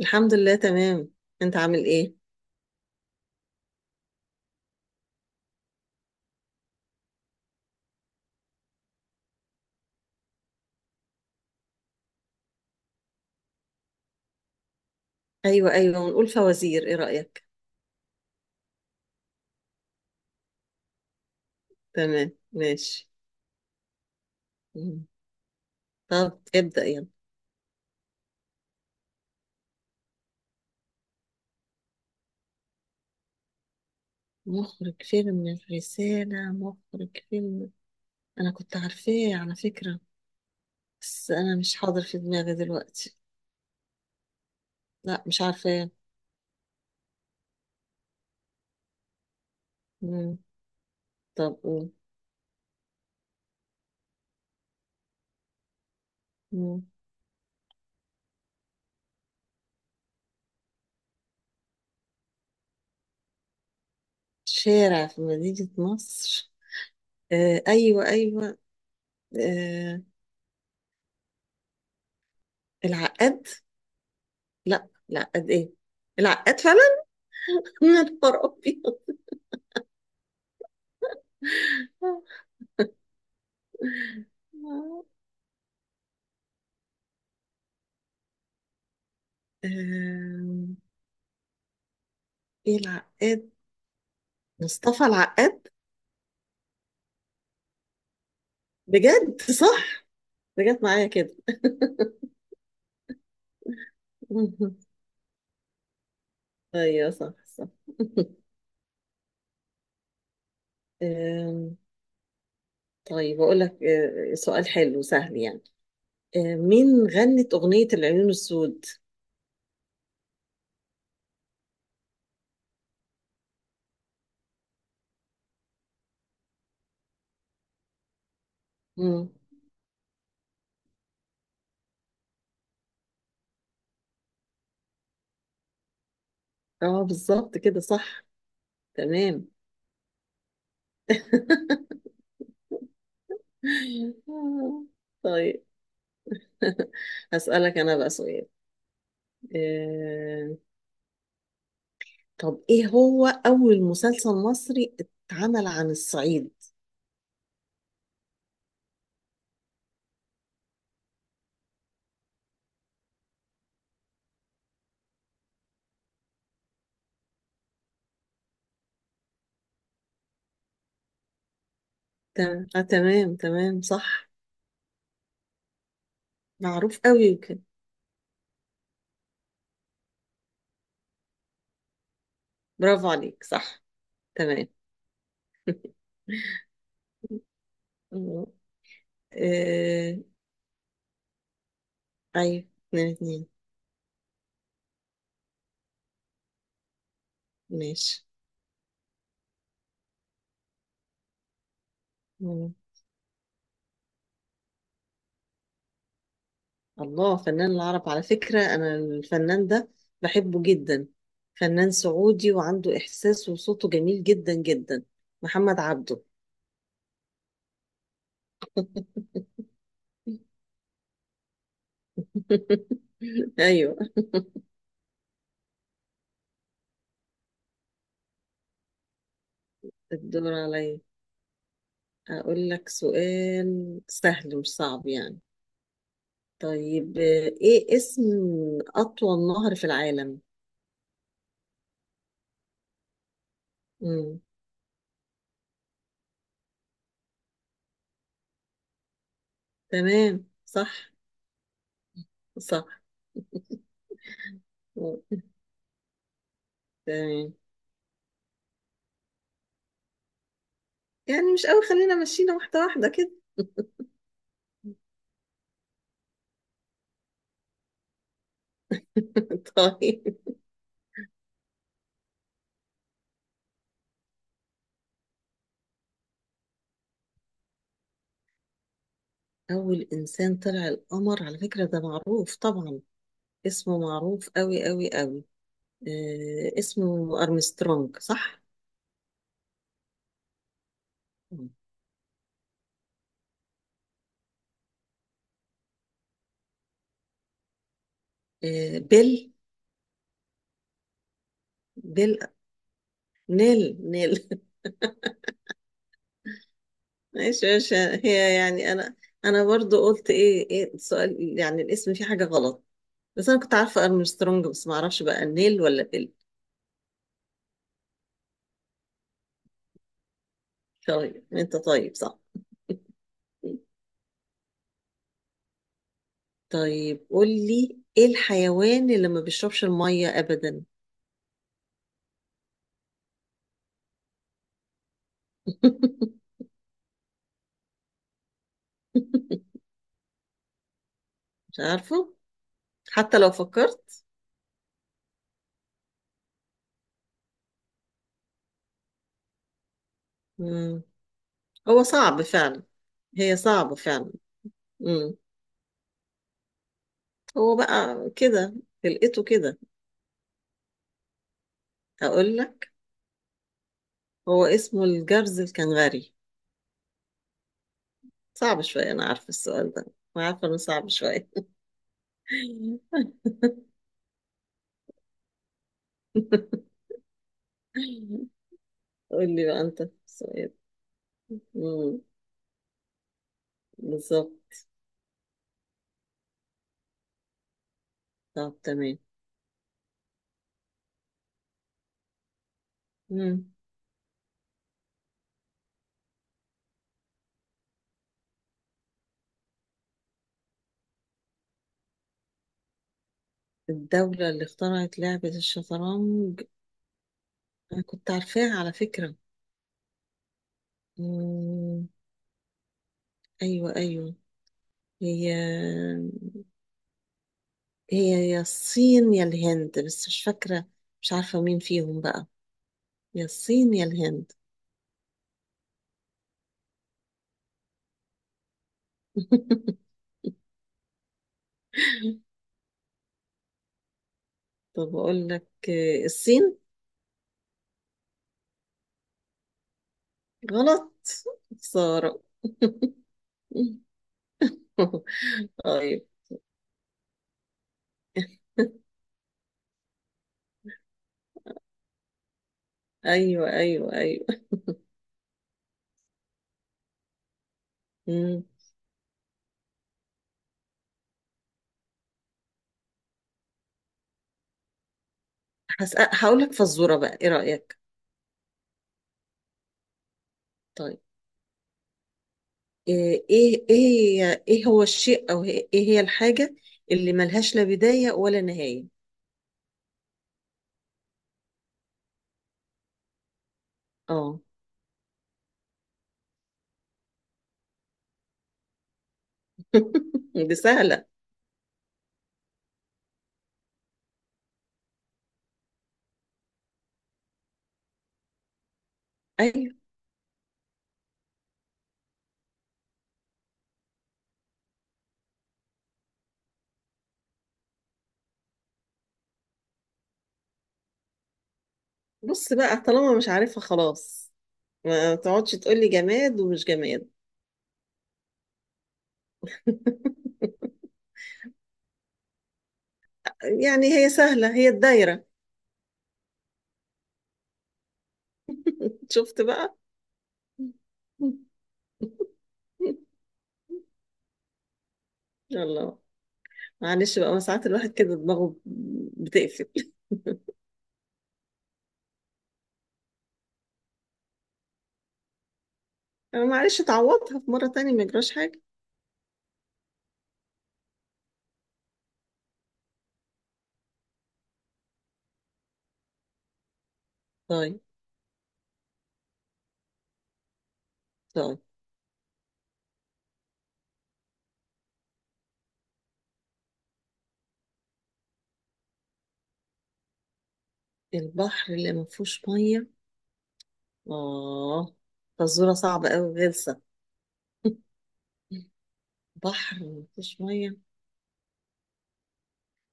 الحمد لله تمام. انت عامل ايه؟ ايوه ايوه، ونقول فوازير، ايه رأيك؟ تمام ماشي. مم. طب ابدأ يلا. مخرج فيلم الرسالة، مخرج فيلم... انا كنت عارفاه على فكرة، بس انا مش حاضر في دماغي دلوقتي. لا، مش عارفاه. مم. طب قول. مم. شارع في مدينة نصر؟ آه ايوه ايوه. آه، العقاد. لا، العقاد ايه؟ العقاد فعلا. من ابيض. آم، ايه العقاد؟ مصطفى العقاد. بجد، صح؟ بجد معايا كده. ايوه صح صح. آم، طيب اقول لك سؤال حلو سهل يعني. مين غنت اغنية العيون السود؟ مم. اه، بالظبط كده صح. تمام. طيب. هسألك انا بقى سؤال. آه، طب ايه هو اول مسلسل مصري اتعمل عن الصعيد؟ تمام آه، تمام تمام، صح. معروف قوي يمكن. برافو عليك، صح. تمام. آه ايوه. اتنين اتنين. ماشي. مم. الله، فنان العرب على فكرة، انا الفنان ده بحبه جدا. فنان سعودي وعنده احساس، وصوته جميل جدا جدا. محمد عبده. ايوه. الدور عليا. أقول لك سؤال سهل، مش صعب يعني. طيب، إيه اسم أطول نهر في العالم؟ مم. تمام صح. صح. مم. تمام. يعني مش قوي، خلينا مشينا واحدة واحدة كده. طيب. أول إنسان طلع القمر، على فكرة ده معروف طبعا، اسمه معروف قوي قوي قوي. آه، اسمه أرمسترونج، صح؟ آه، بيل. بيل. نيل نيل. ماشي ماشي، هي يعني انا برضو قلت ايه السؤال، يعني الاسم فيه حاجه غلط، بس انا كنت عارفه ارمسترونج، بس ما اعرفش بقى نيل ولا بيل. طيب، انت طيب، صح. طيب قول لي، ايه الحيوان اللي ما بيشربش الميه ابدا؟ مش عارفه حتى لو فكرت. مم. هو صعب فعلا. هي صعبه فعلا. مم. هو بقى كده، لقيته كده. اقول لك، هو اسمه الجرز الكنغري. صعب شوية، أنا عارفة السؤال ده، أنا عارفة إنه صعب شوية. قول لي بقى أنت السؤال. مم، بالظبط. طب تمام. مم. الدولة اللي اخترعت لعبة الشطرنج؟ أنا كنت عارفاها على فكرة. مم. أيوة أيوة. هي هي يا الصين يا الهند، بس مش فاكرة، مش عارفة مين فيهم بقى. يا الصين يا الهند. طب أقول لك الصين. غلط. خسارة. طيب، أيوة أيوة أيوة. مم. هقول لك فزورة بقى، إيه رأيك؟ طيب. إيه هو الشيء، أو إيه هي الحاجة اللي ملهاش لا بداية ولا نهاية؟ آه. دي سهلة. أيوة. بص بقى، طالما مش عارفها خلاص ما تقعدش تقولي جماد ومش جماد. يعني هي سهلة، هي الدايرة. شفت بقى؟ يلا، معلش بقى، ما ساعات الواحد كده دماغه بتقفل. أنا معلش، تعوضها في مرة تانية، ما يجراش حاجة. طيب. طيب، البحر اللي ما فيهوش مية؟ آه. فزورة صعبة أوي غلسة. بحر ما فيهوش مية؟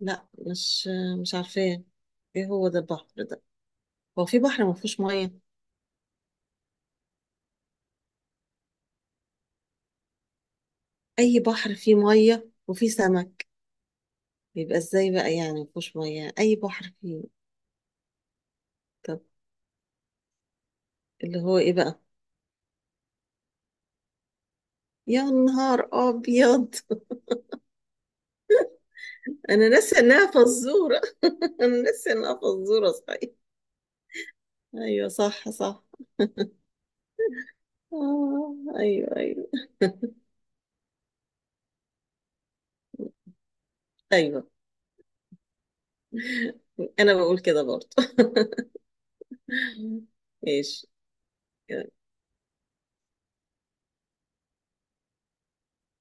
لا، مش عارفاه. ايه هو ده البحر ده؟ هو في بحر ما فيهوش مية؟ أي بحر فيه مية وفيه سمك، يبقى ازاي بقى يعني ما فيهوش مية، أي بحر فيه. طب اللي هو ايه بقى؟ يا نهار أبيض. انا ناسيه انها فزوره. انا ناسيه انها فزوره صحيح. ايوه صح صح. آه ايوه ايوه ايوه. انا بقول كده برضه. ماشي.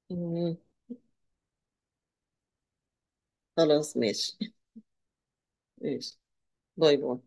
مم. خلاص ماشي. ماشي، باي باي.